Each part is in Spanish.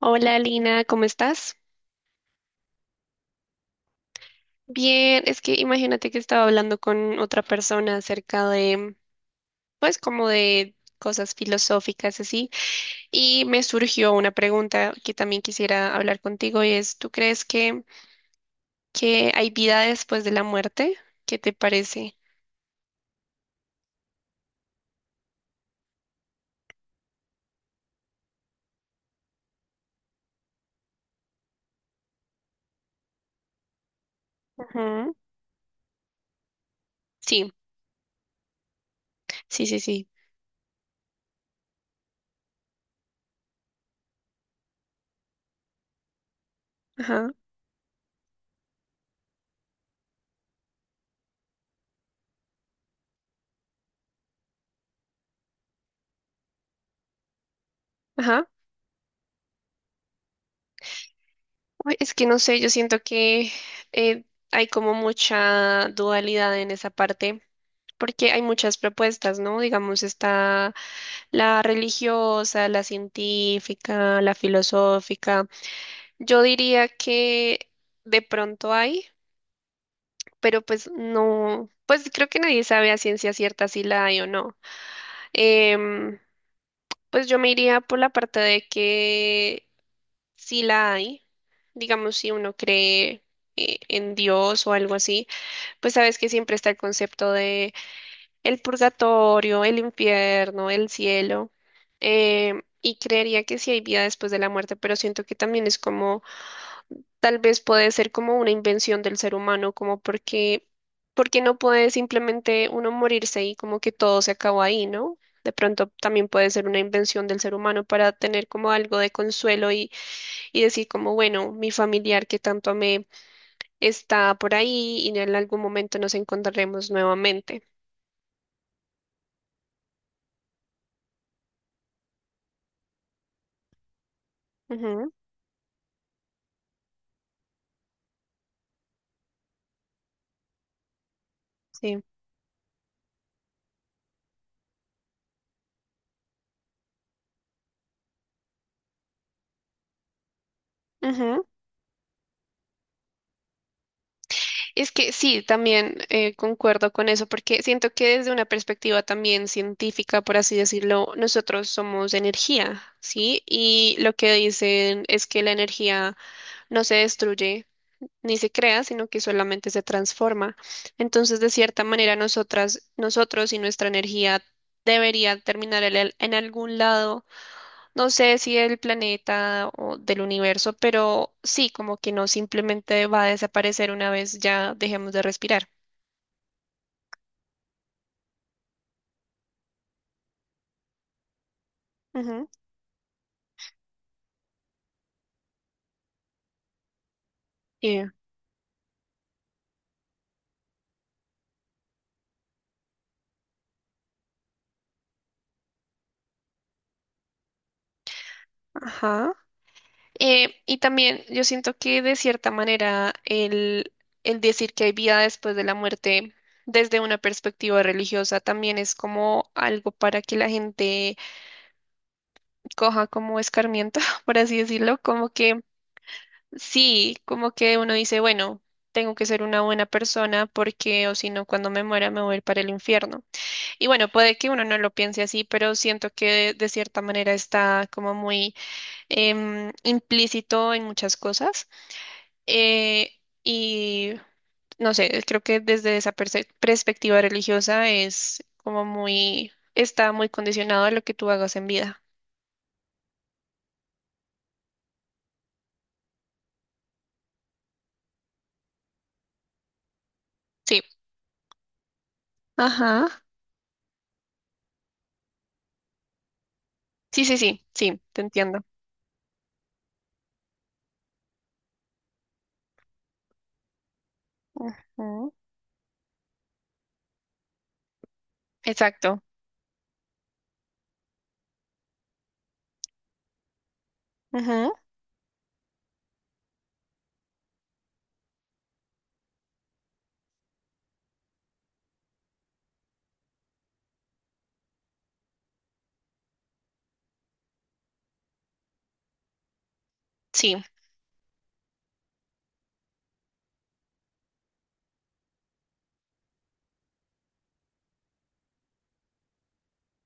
Hola Lina, ¿cómo estás? Bien, es que imagínate que estaba hablando con otra persona acerca pues como de cosas filosóficas así, y me surgió una pregunta que también quisiera hablar contigo y es, ¿tú crees que hay vida después de la muerte? ¿Qué te parece? Ujú. Sí, sí, sí, sí. Ajá, ajá. Uy, es que no sé, yo siento que eh, hay como mucha dualidad en esa parte, porque hay muchas propuestas, ¿no? Digamos, está la religiosa, la científica, la filosófica. Yo diría que de pronto hay, pero pues no, pues creo que nadie sabe a ciencia cierta si la hay o no. Em, pues yo me iría por la parte de que si la hay, digamos si uno cree en Dios o algo así, pues sabes que siempre está el concepto de el purgatorio, el infierno, el cielo. Y creería que sí hay vida después de la muerte, pero siento que también es como, tal vez puede ser como una invención del ser humano, como porque no puede simplemente uno morirse y como que todo se acabó ahí, ¿no? De pronto también puede ser una invención del ser humano para tener como algo de y decir como, bueno, mi familiar que tanto amé está por ahí y en algún momento nos encontraremos nuevamente. Ujú, sí. Ujú. Es que sí, también concuerdo con eso, porque siento que desde una perspectiva también científica, por así decirlo, nosotros somos energía, ¿sí? Y lo que dicen es que la energía no se destruye, ni se crea, sino que solamente se transforma. Entonces, de cierta manera, nosotros y nuestra energía debería terminar en algún lado, no sé si del planeta o del universo, pero sí, como que no simplemente va a desaparecer una vez ya dejemos de respirar. Ujú. Y- Ajá. Y también yo siento que de cierta manera el decir que hay vida después de la muerte desde una perspectiva religiosa también es como algo para que la gente coja como escarmiento, por así decirlo, como que sí, como que uno dice, bueno, tengo que ser una buena persona porque o si no, cuando me muera me voy a ir para el infierno. Y bueno, puede que uno no lo piense así, pero siento que de cierta manera está como muy implícito en muchas cosas. Eh, y no sé, creo que desde esa perspectiva religiosa es como muy, está muy condicionado a lo que tú hagas en vida. Sí. Ajá. Sí, sí, sí, sí, te entiendo. Ujú. Exacto. Ujú. Sí.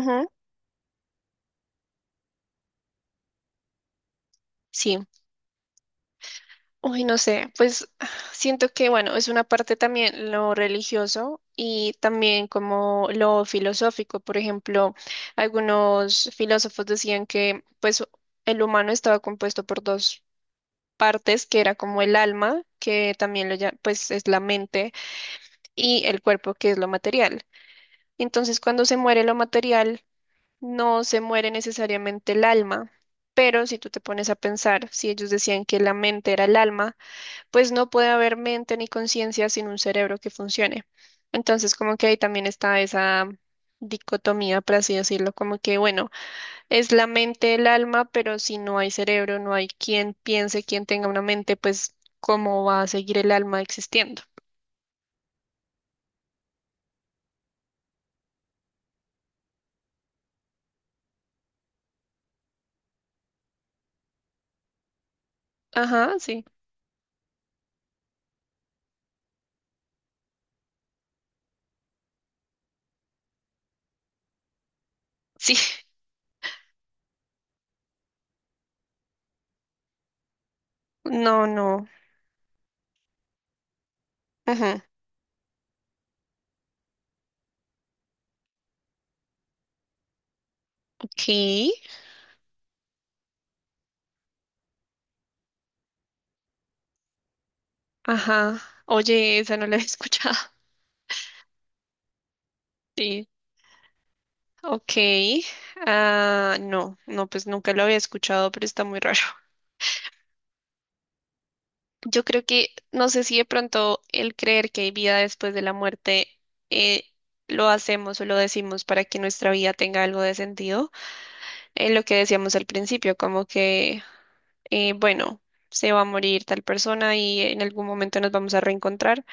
Ujú. Sí. Uy, no sé, pues siento que, bueno, es una parte también lo religioso y también como lo filosófico. Por ejemplo, algunos filósofos decían que, pues, el humano estaba compuesto por dos partes, que era como el alma, que también lo pues es la mente, y el cuerpo, que es lo material. Entonces, cuando se muere lo material, no se muere necesariamente el alma. Pero si tú te pones a pensar, si ellos decían que la mente era el alma, pues no puede haber mente ni conciencia sin un cerebro que funcione. Entonces, como que ahí también está esa dicotomía, por así decirlo, como que, bueno, es la mente el alma, pero si no hay cerebro, no hay quien piense, quien tenga una mente, pues, ¿cómo va a seguir el alma existiendo? Ajá, sí. Sí. No, no. Ajá. Ok. Ajá. Oye, esa no la había escuchado. Sí. Ok. Ah, no, no, pues nunca lo había escuchado, pero está muy raro. Yo creo que, no sé si de pronto el creer que hay vida después de la muerte eh, lo hacemos o lo decimos para que nuestra vida tenga algo de sentido. En lo que decíamos al principio, como que, bueno, se va a morir tal persona y en algún momento nos vamos a reencontrar,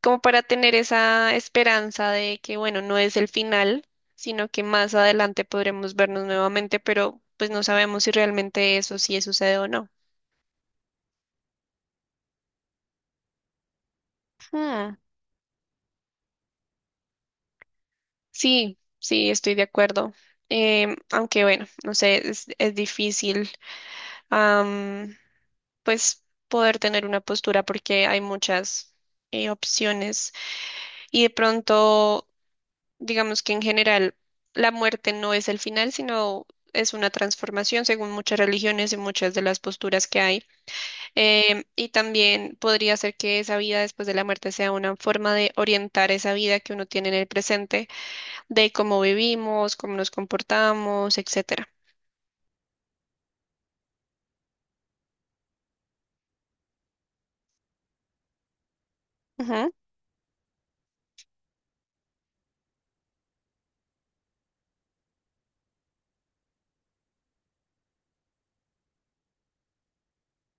como para tener esa esperanza de que, bueno, no es el final, sino que más adelante podremos vernos nuevamente, pero pues no sabemos si realmente eso sí sucede o no. Hmm. Sí, sí, estoy de acuerdo. Aunque bueno, no sé, es difícil, am, pues poder tener una postura porque hay muchas opciones y de pronto, digamos que en general la muerte no es el final, sino es una transformación según muchas religiones y muchas de las posturas que hay. Y también podría ser que esa vida después de la muerte sea una forma de orientar esa vida que uno tiene en el presente de cómo vivimos, cómo nos comportamos, etcétera. Ujú,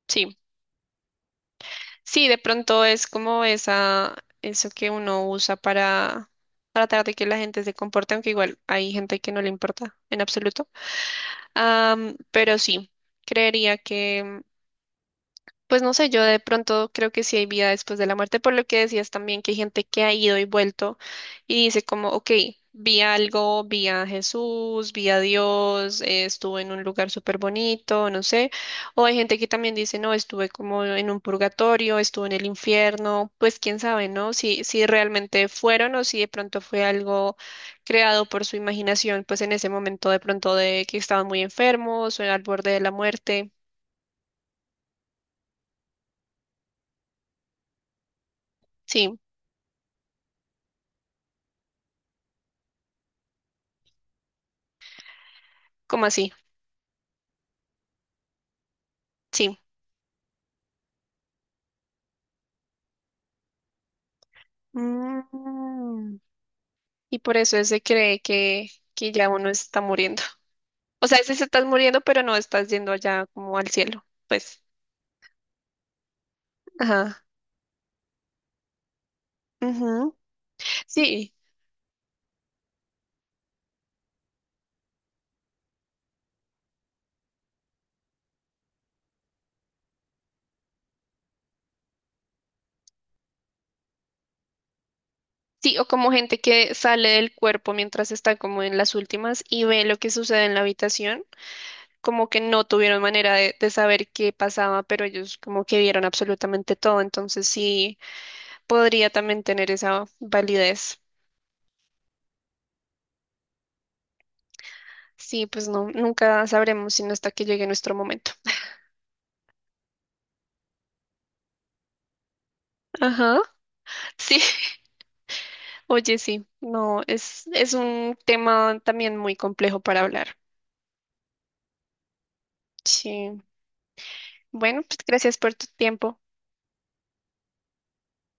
sí, sí, de pronto es como eso que uno usa para tratar de que la gente se comporte, aunque igual hay gente que no le importa en absoluto. Pero sí, creería que pues no sé, yo de pronto creo que sí hay vida después de la muerte, por lo que decías también que hay gente que ha ido y vuelto y dice como, ok, vi algo, vi a Jesús, vi a Dios, estuve en un lugar súper bonito, no sé, o hay gente que también dice, no, estuve como en un purgatorio, estuve en el infierno, pues quién sabe, ¿no? Si realmente fueron o si de pronto fue algo creado por su imaginación, pues en ese momento de pronto de que estaban muy enfermos o al borde de la muerte, sí, como así. Sí. Mm, y por eso él se cree que ya uno está muriendo. O sea, sí se estás muriendo, pero no estás yendo allá como al cielo. Pues, ajá. Ujú. Sí, sí, o como gente que sale del cuerpo mientras está como en las últimas y ve lo que sucede en la habitación, como que no tuvieron manera de saber qué pasaba, pero ellos como que vieron absolutamente todo. Entonces sí, podría también tener esa validez. Sí, pues no, nunca sabremos sino hasta que llegue nuestro momento. Ajá. Sí, oye, sí, no, es un tema también muy complejo para hablar. Sí. Bueno, pues gracias por tu tiempo.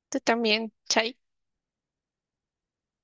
Tú también, Chay.